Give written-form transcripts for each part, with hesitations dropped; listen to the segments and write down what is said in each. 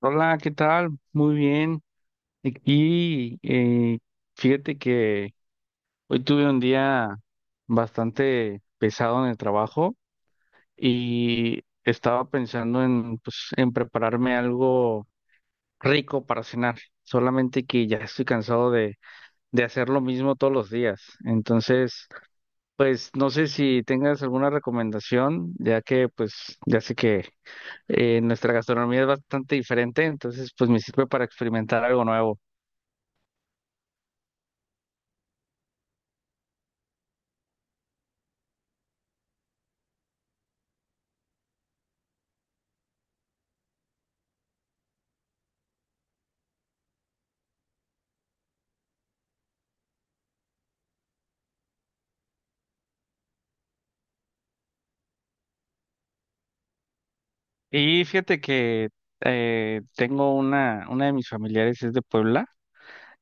Hola, ¿qué tal? Muy bien. Aquí, fíjate que hoy tuve un día bastante pesado en el trabajo y estaba pensando en, pues, en prepararme algo rico para cenar, solamente que ya estoy cansado de hacer lo mismo todos los días. Entonces, pues no sé si tengas alguna recomendación, ya que pues ya sé que nuestra gastronomía es bastante diferente, entonces pues me sirve para experimentar algo nuevo. Y fíjate que tengo una de mis familiares es de Puebla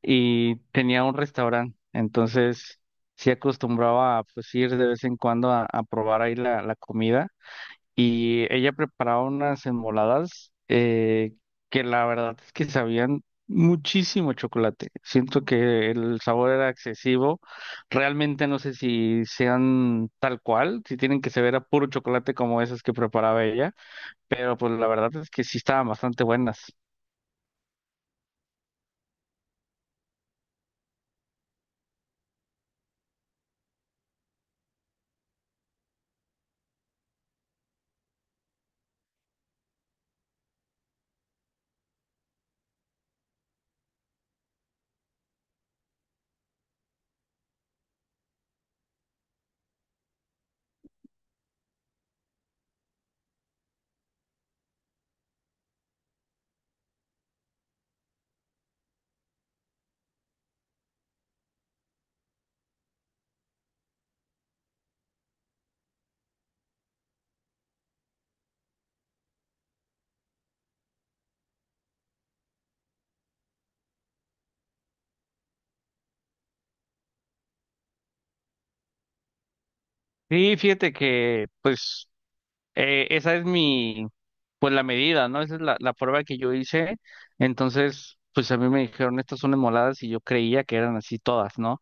y tenía un restaurante, entonces sí acostumbraba a pues, ir de vez en cuando a probar ahí la comida y ella preparaba unas enmoladas que la verdad es que sabían muchísimo chocolate. Siento que el sabor era excesivo, realmente no sé si sean tal cual, si tienen que saber a puro chocolate como esas que preparaba ella, pero pues la verdad es que sí estaban bastante buenas. Sí, fíjate que pues esa es mi, pues la medida, ¿no? Esa es la prueba que yo hice. Entonces, pues a mí me dijeron, estas son moladas y yo creía que eran así todas, ¿no?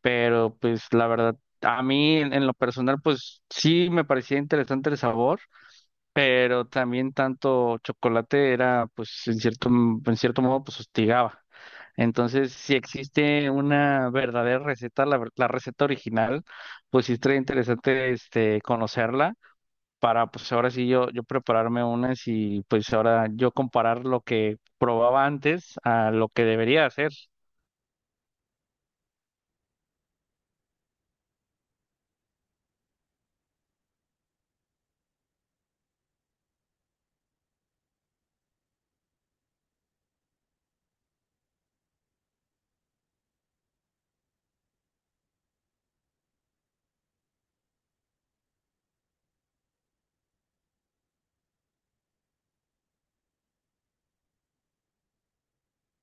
Pero pues la verdad, a mí en lo personal, pues sí me parecía interesante el sabor, pero también tanto chocolate era, pues, en cierto, en cierto modo, pues, hostigaba. Entonces, si existe una verdadera receta, la receta original, pues sí estaría interesante este, conocerla para, pues ahora sí yo prepararme unas y pues ahora yo comparar lo que probaba antes a lo que debería hacer.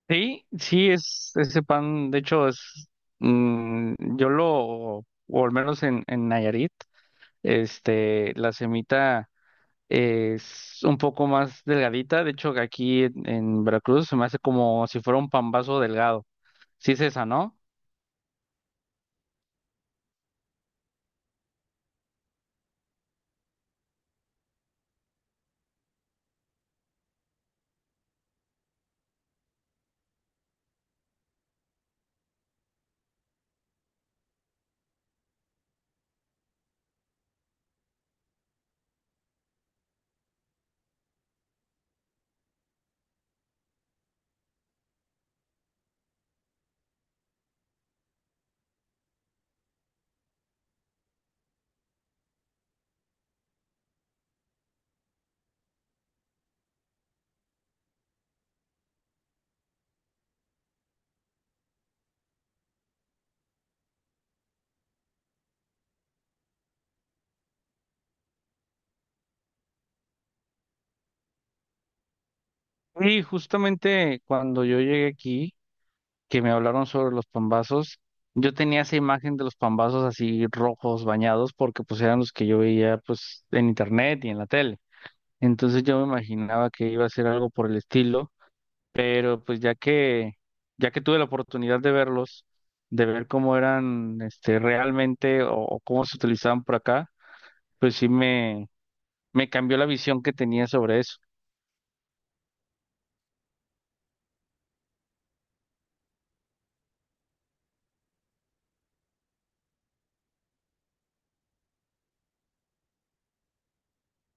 Sí, sí, es ese pan, de hecho, es, yo lo, o al menos en Nayarit, este, la semita es un poco más delgadita. De hecho, que aquí en Veracruz se me hace como si fuera un pambazo delgado. Sí es esa, ¿no? Y justamente cuando yo llegué aquí, que me hablaron sobre los pambazos, yo tenía esa imagen de los pambazos así rojos, bañados, porque pues eran los que yo veía pues en internet y en la tele. Entonces yo me imaginaba que iba a ser algo por el estilo, pero pues ya que tuve la oportunidad de verlos, de ver cómo eran este realmente o cómo se utilizaban por acá, pues sí me cambió la visión que tenía sobre eso.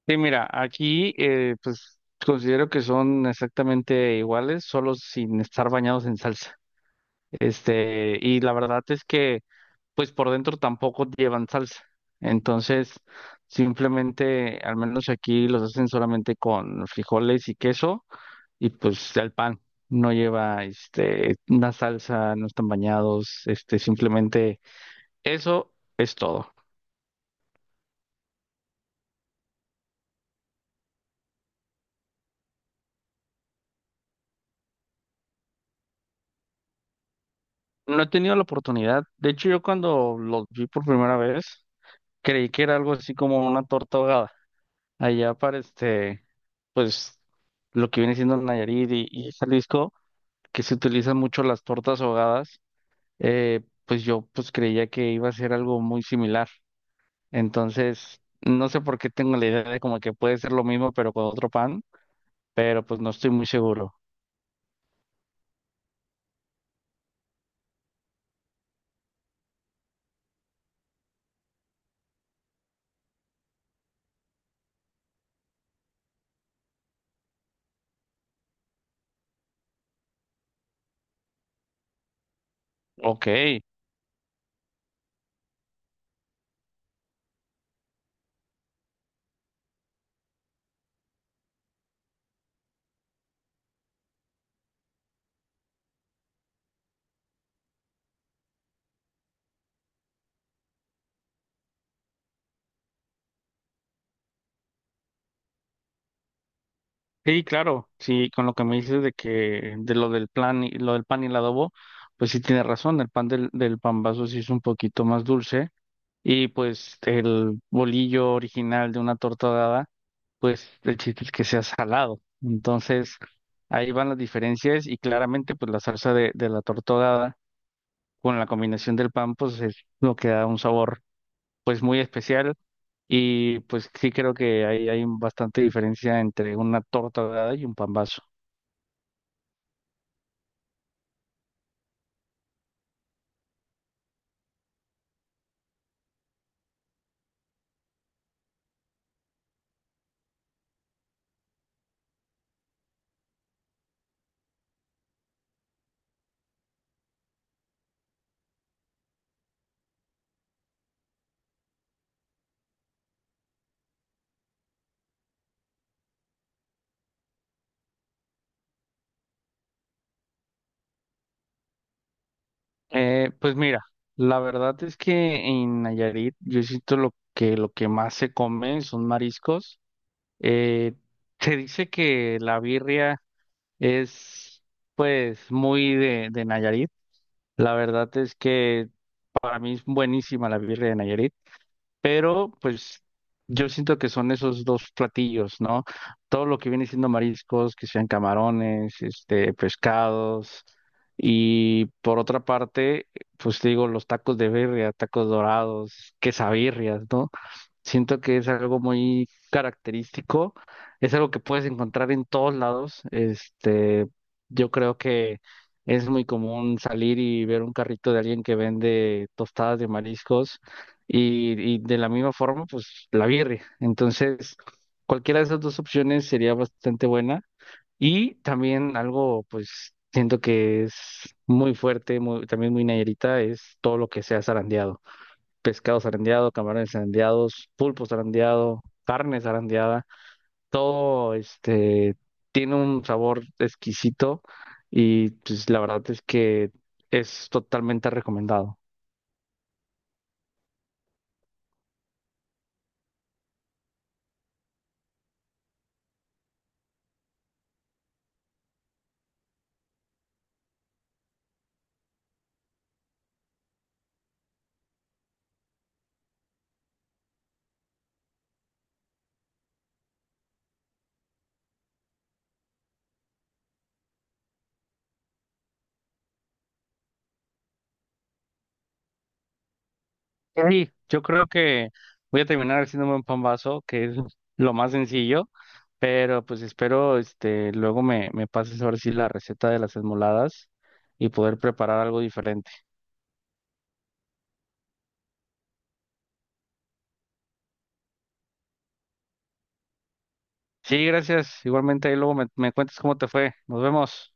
Sí, mira, aquí pues considero que son exactamente iguales, solo sin estar bañados en salsa. Este, y la verdad es que pues por dentro tampoco llevan salsa. Entonces, simplemente, al menos aquí los hacen solamente con frijoles y queso y pues el pan no lleva este una salsa, no están bañados, este simplemente eso es todo. No he tenido la oportunidad, de hecho yo cuando los vi por primera vez creí que era algo así como una torta ahogada allá para este pues lo que viene siendo Nayarit y Jalisco, que se utilizan mucho las tortas ahogadas, pues yo pues creía que iba a ser algo muy similar. Entonces, no sé por qué tengo la idea de como que puede ser lo mismo, pero con otro pan, pero pues no estoy muy seguro. Ok, sí, claro, sí, con lo que me dices de que de lo del plan y lo del pan y el adobo, pues sí tienes razón, el pan del vaso sí es un poquito más dulce y pues el bolillo original de una torta ahogada, el chiste es que sea salado. Entonces, ahí van las diferencias y claramente pues la salsa de la torta ahogada con la combinación del pan, pues es lo que da un sabor pues muy especial y pues sí creo que ahí hay bastante diferencia entre una torta ahogada y un pambazo. Pues mira, la verdad es que en Nayarit yo siento lo que más se come son mariscos. Eh, se dice que la birria es pues muy de Nayarit. La verdad es que a mí es buenísima la birria de Nayarit. Pero pues yo siento que son esos dos platillos, ¿no? Todo lo que viene siendo mariscos, que sean camarones, este, pescados. Y por otra parte, pues te digo, los tacos de birria, tacos dorados, quesabirrias, ¿no? Siento que es algo muy característico, es algo que puedes encontrar en todos lados. Este, yo creo que es muy común salir y ver un carrito de alguien que vende tostadas de mariscos y de la misma forma, pues la birria. Entonces, cualquiera de esas dos opciones sería bastante buena y también algo, pues siento que es muy fuerte, muy, también muy nayarita, es todo lo que sea zarandeado, pescado zarandeado, camarones zarandeados, pulpo zarandeado, carne zarandeada, todo este tiene un sabor exquisito y pues la verdad es que es totalmente recomendado. Sí, yo creo que voy a terminar haciéndome un pan vaso, que es lo más sencillo, pero pues espero este luego me pases ahora sí la receta de las esmoladas y poder preparar algo diferente. Sí, gracias. Igualmente ahí luego me cuentas cómo te fue. Nos vemos.